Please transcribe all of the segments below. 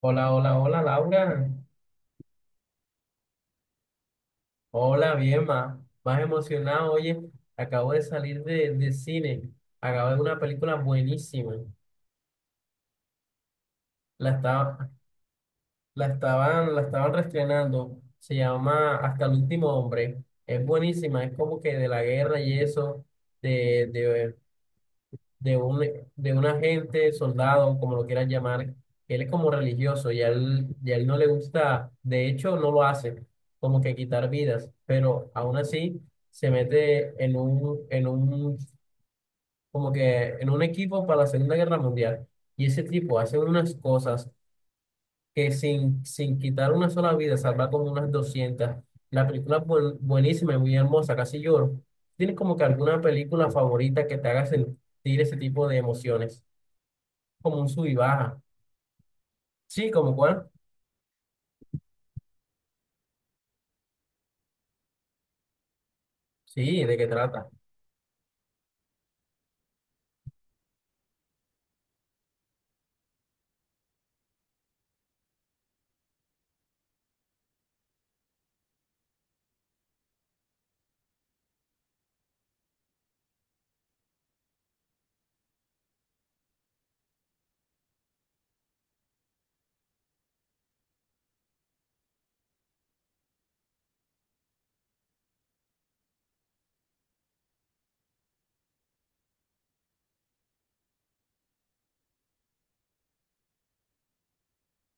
Hola, hola, hola, Laura. Hola, bien, más emocionado. Oye, acabo de salir de cine. Acabo de ver una película buenísima. La estaba, la estaban reestrenando. Se llama Hasta el último hombre. Es buenísima. Es como que de la guerra y eso, de, de de un, de un agente, soldado, como lo quieran llamar, él es como religioso y a él no le gusta, de hecho no lo hace, como que quitar vidas, pero aún así se mete como que en un equipo para la Segunda Guerra Mundial. Y ese tipo hace unas cosas que sin quitar una sola vida, salva como unas 200. La película es buenísima y muy hermosa, casi lloro. ¿Tienes como que alguna película favorita que te haga sentir ese tipo de emociones? Como un sub y baja. Sí, ¿como cuál? Sí, ¿de qué trata?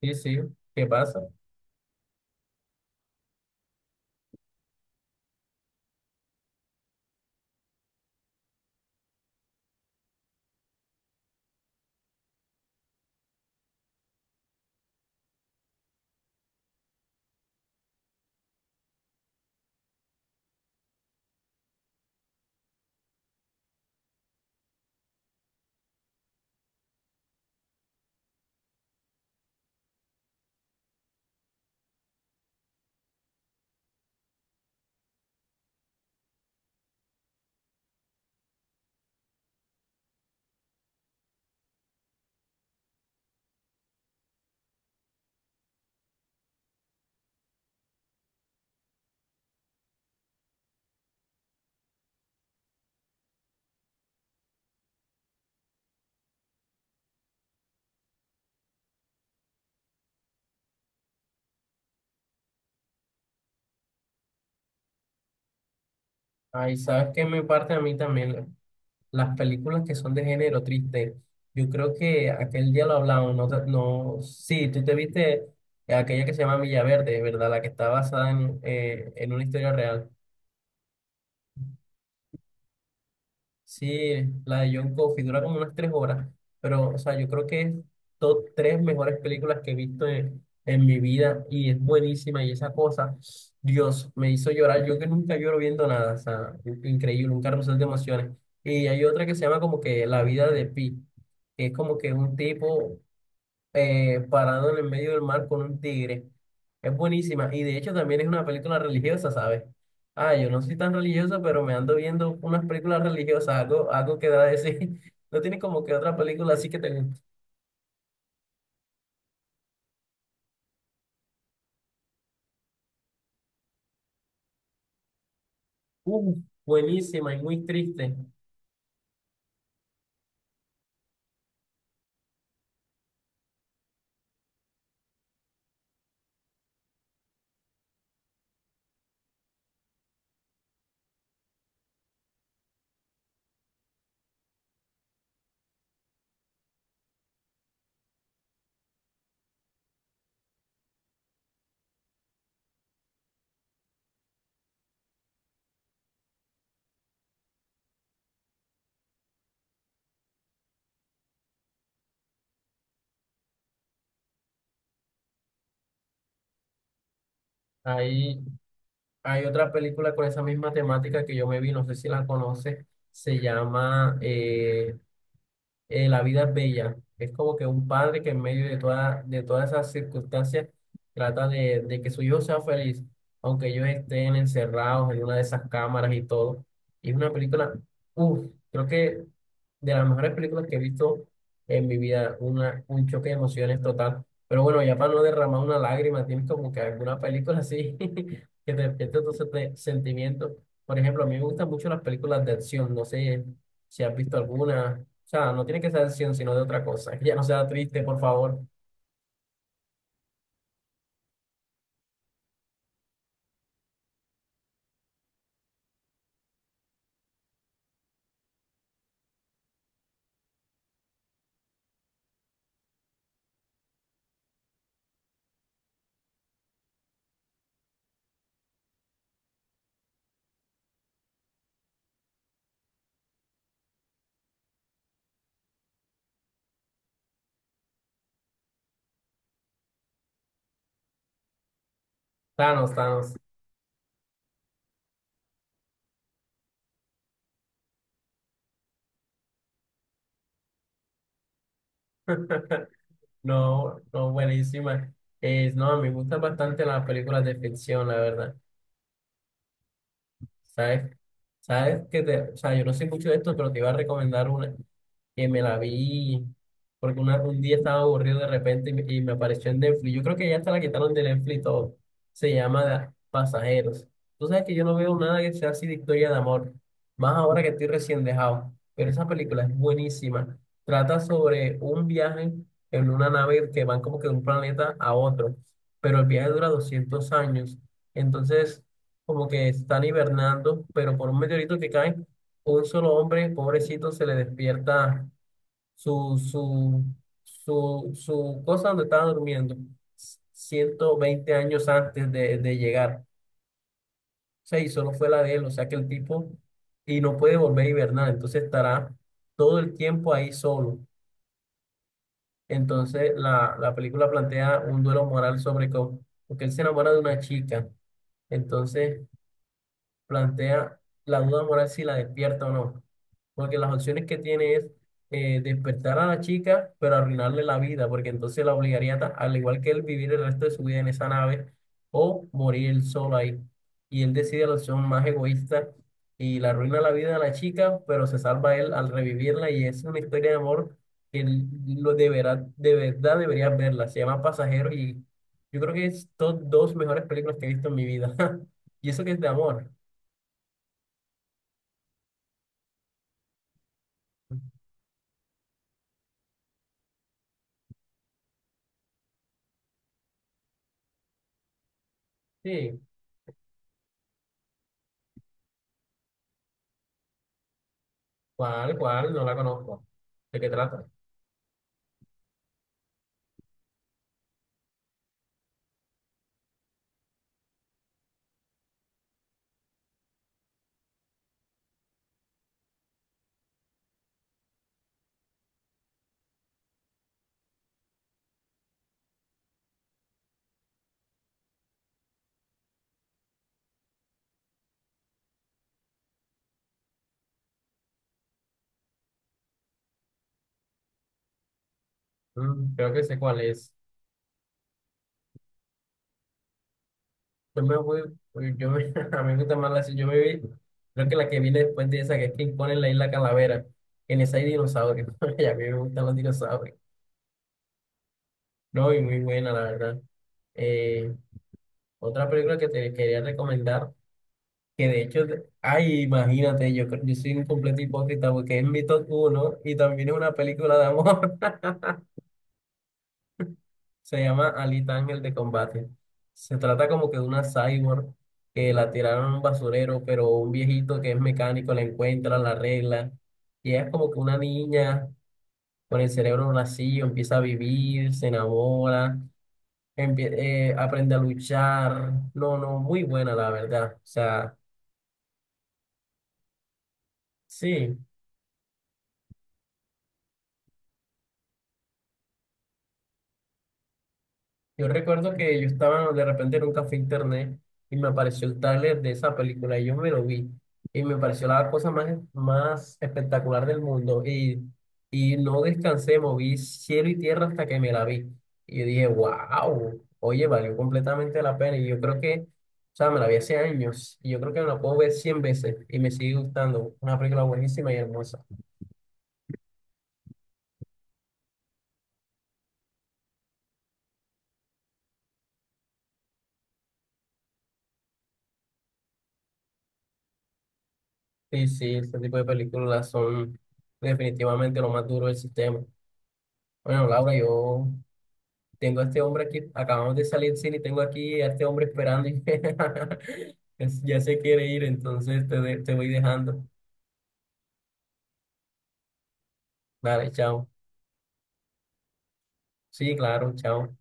Sí, sí, ¿qué pasa? Ay, ¿sabes qué me parte a mí también? Las películas que son de género triste. Yo creo que aquel día lo hablamos, no, no, sí, tú te viste aquella que se llama Villaverde, ¿verdad? La que está basada en una historia real. Sí, la de John Coffey dura como unas 3 horas, pero o sea, yo creo que es top tres mejores películas que he visto en mi vida y es buenísima y esa cosa, Dios, me hizo llorar, yo que nunca lloro viendo nada, o sea, increíble, un carrusel de emociones. Y hay otra que se llama como que La vida de Pi, que es como que un tipo parado en el medio del mar con un tigre. Es buenísima. Y de hecho también es una película religiosa, ¿sabes? Ah, yo no soy tan religiosa, pero me ando viendo unas películas religiosas, algo que da de sí. No tiene como que otra película así que te guste. Uh, Buenísima y muy triste. Hay, hay otra película con esa misma temática que yo me vi, no sé si la conoces. Se llama, La vida es bella. Es como que un padre que en medio de todas esas circunstancias trata de que su hijo sea feliz, aunque ellos estén encerrados en una de esas cámaras y todo. Y es una película, uff, creo que de las mejores películas que he visto en mi vida, un choque de emociones total. Pero bueno, ya para no derramar una lágrima, tienes como que alguna película así que te despierte tus sentimientos. Por ejemplo, a mí me gustan mucho las películas de acción, no sé. Si has visto alguna. O sea, no tiene que ser de acción, sino de otra cosa. Que ya no sea triste, por favor. Thanos, Thanos. No, no, buenísima. Es, no, me gustan bastante las películas de ficción, la verdad. ¿Sabes? ¿Sabes que te, o sea, yo no sé mucho de esto, pero te iba a recomendar una que me la vi porque un día estaba aburrido de repente y me apareció en Netflix. Yo creo que ya hasta la quitaron de Netflix y todo. Se llama Pasajeros. Tú sabes que yo no veo nada que sea así de historia de amor, más ahora que estoy recién dejado. Pero esa película es buenísima. Trata sobre un viaje en una nave que van como que de un planeta a otro, pero el viaje dura 200 años. Entonces como que están hibernando, pero por un meteorito que cae, un solo hombre, pobrecito, se le despierta su, su, su cosa donde estaba durmiendo, 120 años antes de llegar. O sea, y solo fue la de él, o sea que el tipo, y no puede volver a hibernar, entonces estará todo el tiempo ahí solo. Entonces, la película plantea un duelo moral sobre cómo, porque él se enamora de una chica, entonces plantea la duda moral si la despierta o no. Porque las opciones que tiene es despertar a la chica, pero arruinarle la vida, porque entonces la obligaría, al igual que él, vivir el resto de su vida en esa nave o morir él solo ahí. Y él decide la opción más egoísta y le arruina la vida a la chica, pero se salva él al revivirla y es una historia de amor que él lo deberá, de verdad deberías verla. Se llama Pasajero y yo creo que es top dos mejores películas que he visto en mi vida. Y eso que es de amor. Sí, ¿cuál, cuál? No la conozco. ¿De qué trata? Creo que sé cuál es. Yo me voy, uy, a mí me gusta más serie. Yo me vi, creo que la que vi después de esa que es que ponen la isla Calavera, en esa hay dinosaurios, y a mí me gustan los dinosaurios, no, y muy buena la verdad. Eh, Otra película que te quería recomendar, que de hecho, ay, imagínate, yo soy un completo hipócrita porque es mi top uno y también es una película de amor. Se llama Alita Ángel de Combate. Se trata como que de una cyborg que la tiraron a un basurero, pero un viejito que es mecánico la encuentra, la arregla. Y ella es como que una niña con el cerebro vacío, empieza a vivir, se enamora, aprende a luchar. No, no, muy buena la verdad. O sea, sí. Yo recuerdo que yo estaba de repente en un café internet y me apareció el tráiler de esa película y yo me lo vi y me pareció la cosa más espectacular del mundo y no descansé, moví cielo y tierra hasta que me la vi. Y yo dije, wow, oye, valió completamente la pena y yo creo que, o sea, me la vi hace años y yo creo que me la puedo ver 100 veces y me sigue gustando. Una película buenísima y hermosa. Sí, sí, ese tipo de películas son definitivamente lo más duro del sistema. Bueno, Laura, yo Tengo a este hombre aquí, acabamos de salir del cine y tengo aquí a este hombre esperando y ya se quiere ir, entonces te voy dejando. Vale, chao. Sí, claro, chao.